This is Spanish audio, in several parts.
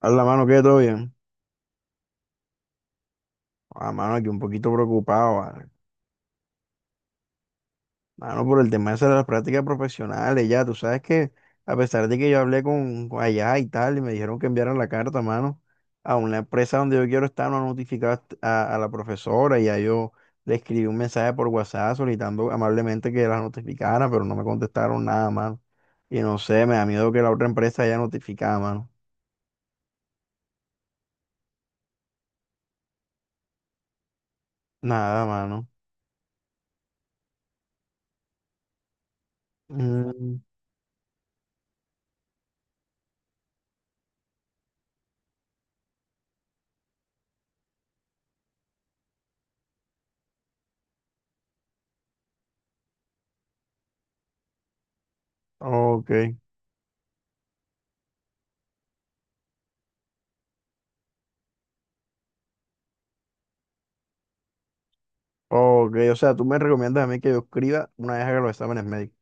A la mano, ¿qué? ¿Todo bien? A mano, aquí un poquito preocupado, ¿vale? Mano, por el tema ese de las prácticas profesionales, ya. Tú sabes que, a pesar de que yo hablé con allá y tal, y me dijeron que enviaran la carta, mano, a una empresa donde yo quiero estar, no han notificado a la profesora, y ya yo le escribí un mensaje por WhatsApp solicitando amablemente que la notificara, pero no me contestaron nada, mano. Y no sé, me da miedo que la otra empresa haya notificado, mano. Nada, mano. Mm, ok. Ok, o sea, tú me recomiendas a mí que yo escriba una vez haga los exámenes médicos.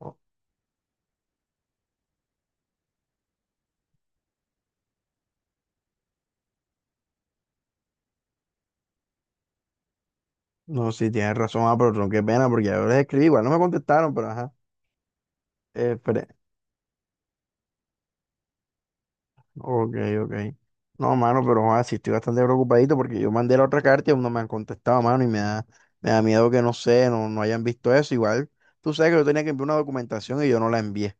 Oh. No, sí, tienes razón, ah, pero tronco, qué pena, porque yo les escribí, igual no me contestaron, pero ajá. Esperé. Ok, ok. No, mano, pero ah, sí estoy bastante preocupadito porque yo mandé la otra carta y aún no me han contestado, mano, me da miedo que no sé, no hayan visto eso. Igual, tú sabes que yo tenía que enviar una documentación y yo no la envié.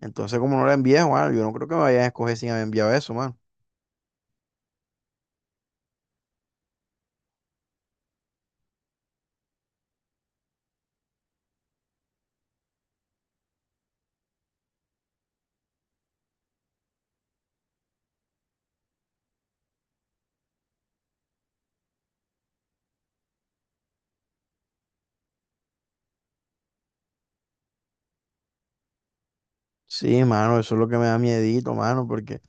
Entonces, como no la envié, Juan, yo no creo que me vayan a escoger sin haber enviado eso, mano. Sí, mano, eso es lo que me da miedito, mano, porque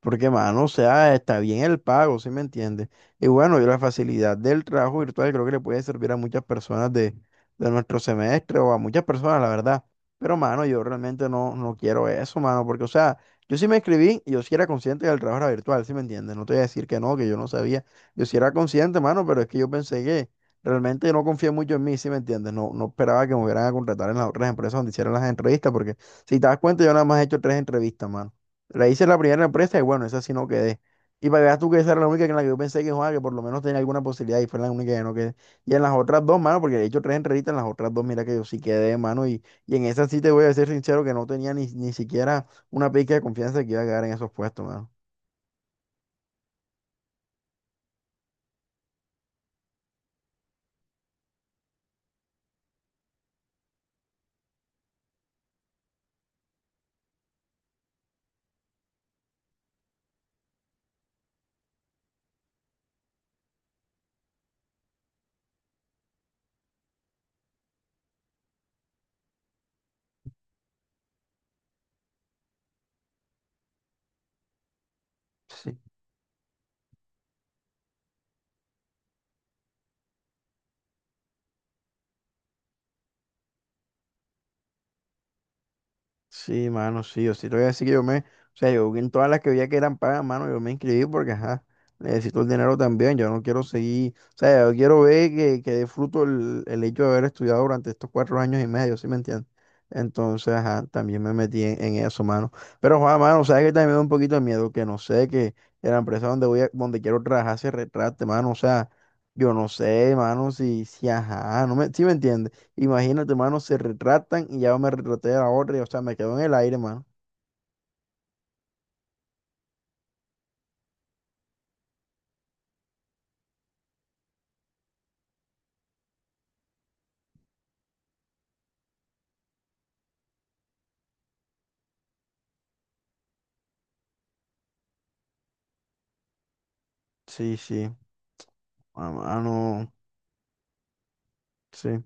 porque, mano, o sea, está bien el pago, ¿sí me entiendes? Y bueno, y la facilidad del trabajo virtual creo que le puede servir a muchas personas de nuestro semestre o a muchas personas, la verdad. Pero, mano, yo realmente no quiero eso, mano, porque, o sea, yo sí me inscribí y yo sí era consciente del trabajo era virtual, ¿sí me entiendes? No te voy a decir que no, que yo no sabía. Yo sí era consciente, mano, pero es que yo pensé que realmente no confié mucho en mí, ¿sí me entiendes? No, no esperaba que me hubieran a contratar en las otras empresas donde hicieran las entrevistas, porque si te das cuenta, yo nada más he hecho tres entrevistas, mano. La hice en la primera empresa y bueno, esa sí no quedé. Y para que veas tú que esa era la única en la que yo pensé que, jugaba que por lo menos tenía alguna posibilidad y fue la única que no quedé. Y en las otras dos, mano, porque he hecho tres entrevistas, en las otras dos, mira que yo sí quedé, mano, y en esa sí te voy a ser sincero que no tenía ni siquiera una pizca de confianza de que iba a quedar en esos puestos, mano. Sí. Sí, mano, sí, yo sí te voy a decir que yo me, o sea, yo en todas las que veía que eran pagas, mano, yo me inscribí porque, ajá, necesito el dinero también, yo no quiero seguir, o sea, yo quiero ver que dé fruto el hecho de haber estudiado durante estos cuatro años y medio, ¿sí me entiendes? Entonces, ajá, también me metí en eso, mano. Pero, Juan, mano, sabes que también me da un poquito de miedo, que no sé, que la empresa donde voy a, donde quiero trabajar se retrate, mano, o sea, yo no sé, mano, si, si, ajá, no me, ¿sí me entiendes? Imagínate, mano, se retratan y ya me retraté a la otra y, o sea, me quedo en el aire, mano. Sí, sí, ah, mano, sí.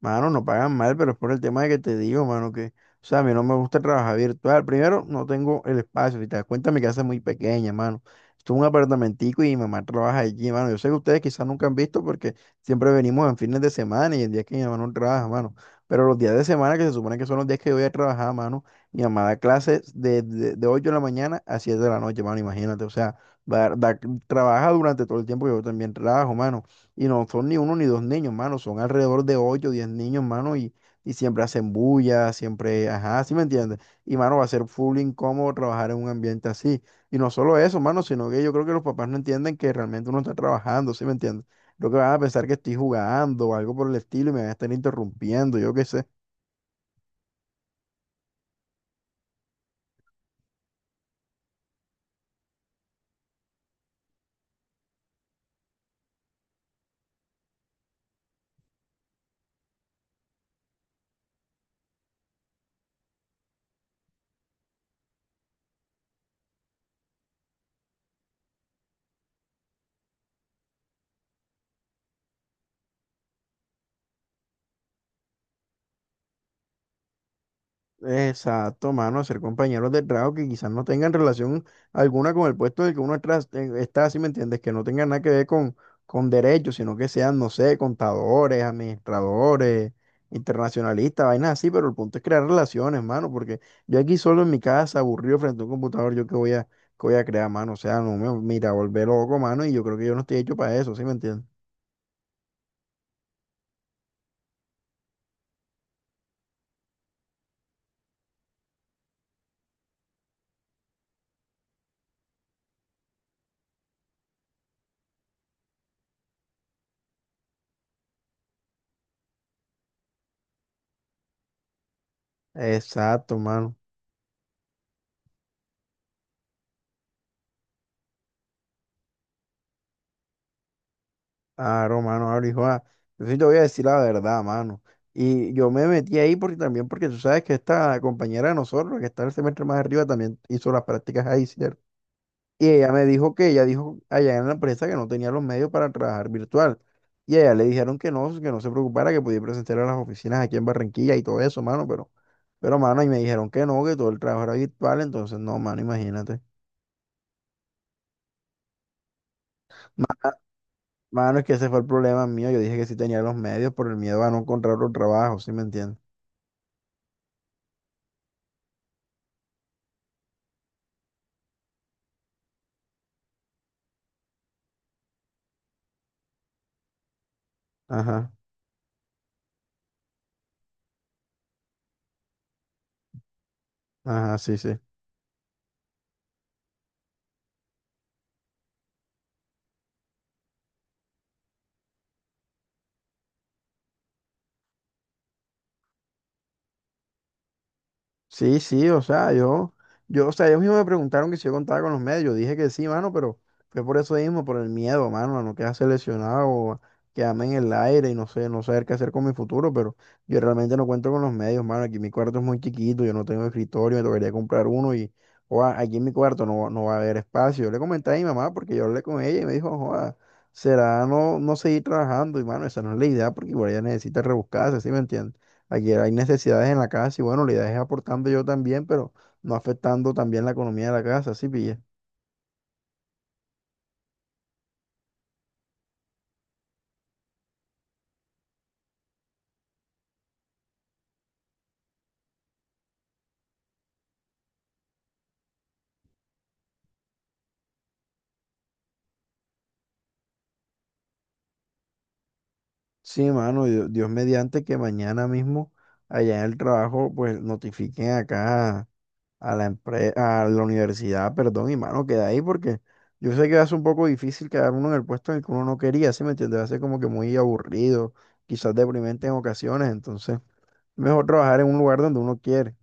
Mano, no pagan mal, pero es por el tema de que te digo, mano, que, o sea, a mí no me gusta trabajar virtual. Primero, no tengo el espacio. Si te das cuenta, mi casa es muy pequeña, mano. Esto es un apartamentico y mi mamá trabaja allí, mano. Yo sé que ustedes quizás nunca han visto porque siempre venimos en fines de semana y en días que mi mamá no trabaja, mano. Pero los días de semana, que se supone que son los días que yo voy a trabajar, mano, mi mamá da clases de 8 de la mañana a 7 de la noche, mano, imagínate. O sea, va- da- trabaja durante todo el tiempo que yo también trabajo, mano. Y no son ni uno ni dos niños, mano, son alrededor de ocho o diez niños, mano, y siempre hacen bulla, siempre, ajá, ¿sí me entiendes? Y, mano, va a ser full incómodo trabajar en un ambiente así. Y no solo eso, mano, sino que yo creo que los papás no entienden que realmente uno está trabajando, ¿sí me entiendes? Lo que van a pensar que estoy jugando o algo por el estilo y me van a estar interrumpiendo, yo qué sé. Exacto, mano, ser compañeros de trabajo que quizás no tengan relación alguna con el puesto del que está, si me entiendes, que no tengan nada que ver con derechos, sino que sean, no sé, contadores, administradores, internacionalistas, vainas así, pero el punto es crear relaciones, mano, porque yo aquí solo en mi casa, aburrido frente a un computador, yo qué voy a crear, mano, o sea, no me, mira, volver loco, mano, y yo creo que yo no estoy hecho para eso, ¿sí me entiendes? Exacto, mano. Claro, mano, ahora hijo, ah, yo sí te voy a decir la verdad, mano. Y yo me metí ahí porque también, porque tú sabes que esta compañera de nosotros, que está el semestre más arriba, también hizo las prácticas ahí, ¿cierto? Y ella me dijo que ella dijo allá en la empresa que no tenía los medios para trabajar virtual. Y a ella le dijeron que no se preocupara, que podía presentar a las oficinas aquí en Barranquilla y todo eso, mano, pero, mano, y me dijeron que no, que todo el trabajo era virtual, entonces no, mano, imagínate. Ma- Mano, es que ese fue el problema mío. Yo dije que sí tenía los medios por el miedo a no encontrar otro trabajo, ¿sí me entiendes? Ajá, ajá, sí, sí. Sí, sí, o sea, yo, o sea, ellos mismos me preguntaron que si yo contaba con los medios. Yo dije que sí, mano, pero fue por eso mismo, por el miedo, mano, a no quedar seleccionado, o a quedarme en el aire y no sé, no saber qué hacer con mi futuro, pero yo realmente no cuento con los medios, mano. Aquí mi cuarto es muy chiquito, yo no tengo escritorio, me tocaría comprar uno y, joda, aquí en mi cuarto no, no va a haber espacio. Yo le comenté a mi mamá porque yo hablé con ella y me dijo, joda, será no, no seguir trabajando y, mano, esa no es la idea porque igual ella necesita rebuscarse, ¿sí me entiendes? Aquí hay necesidades en la casa y bueno, la idea es aportando yo también, pero no afectando también la economía de la casa, ¿sí pilla? Sí, mano, Dios, Dios mediante que mañana mismo allá en el trabajo pues notifiquen acá a la empresa, a la universidad, perdón, y mano, queda ahí porque yo sé que va a ser un poco difícil quedar uno en el puesto en el que uno no quería, ¿sí me entiendes? Va a ser como que muy aburrido, quizás deprimente en ocasiones, entonces mejor trabajar en un lugar donde uno quiere.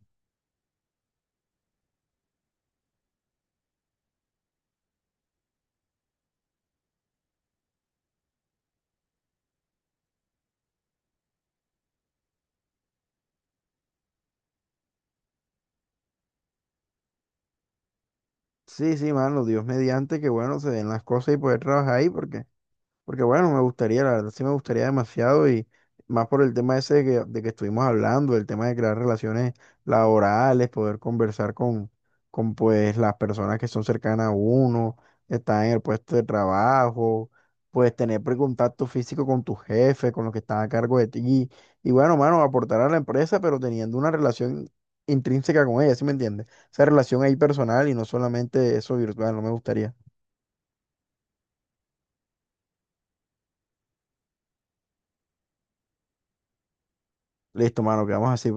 Sí, sí, mano, Dios mediante que bueno, se den las cosas y poder trabajar ahí porque... Porque bueno, me gustaría, la verdad sí me gustaría demasiado y más por el tema ese de que estuvimos hablando, el tema de crear relaciones laborales, poder conversar con pues las personas que son cercanas a uno, están en el puesto de trabajo, pues tener contacto físico con tu jefe, con los que están a cargo de ti y, bueno, mano, aportar a la empresa, pero teniendo una relación intrínseca con ella, ¿sí me entiendes? Esa relación ahí personal y no solamente eso virtual, no me gustaría. Listo, mano, quedamos así.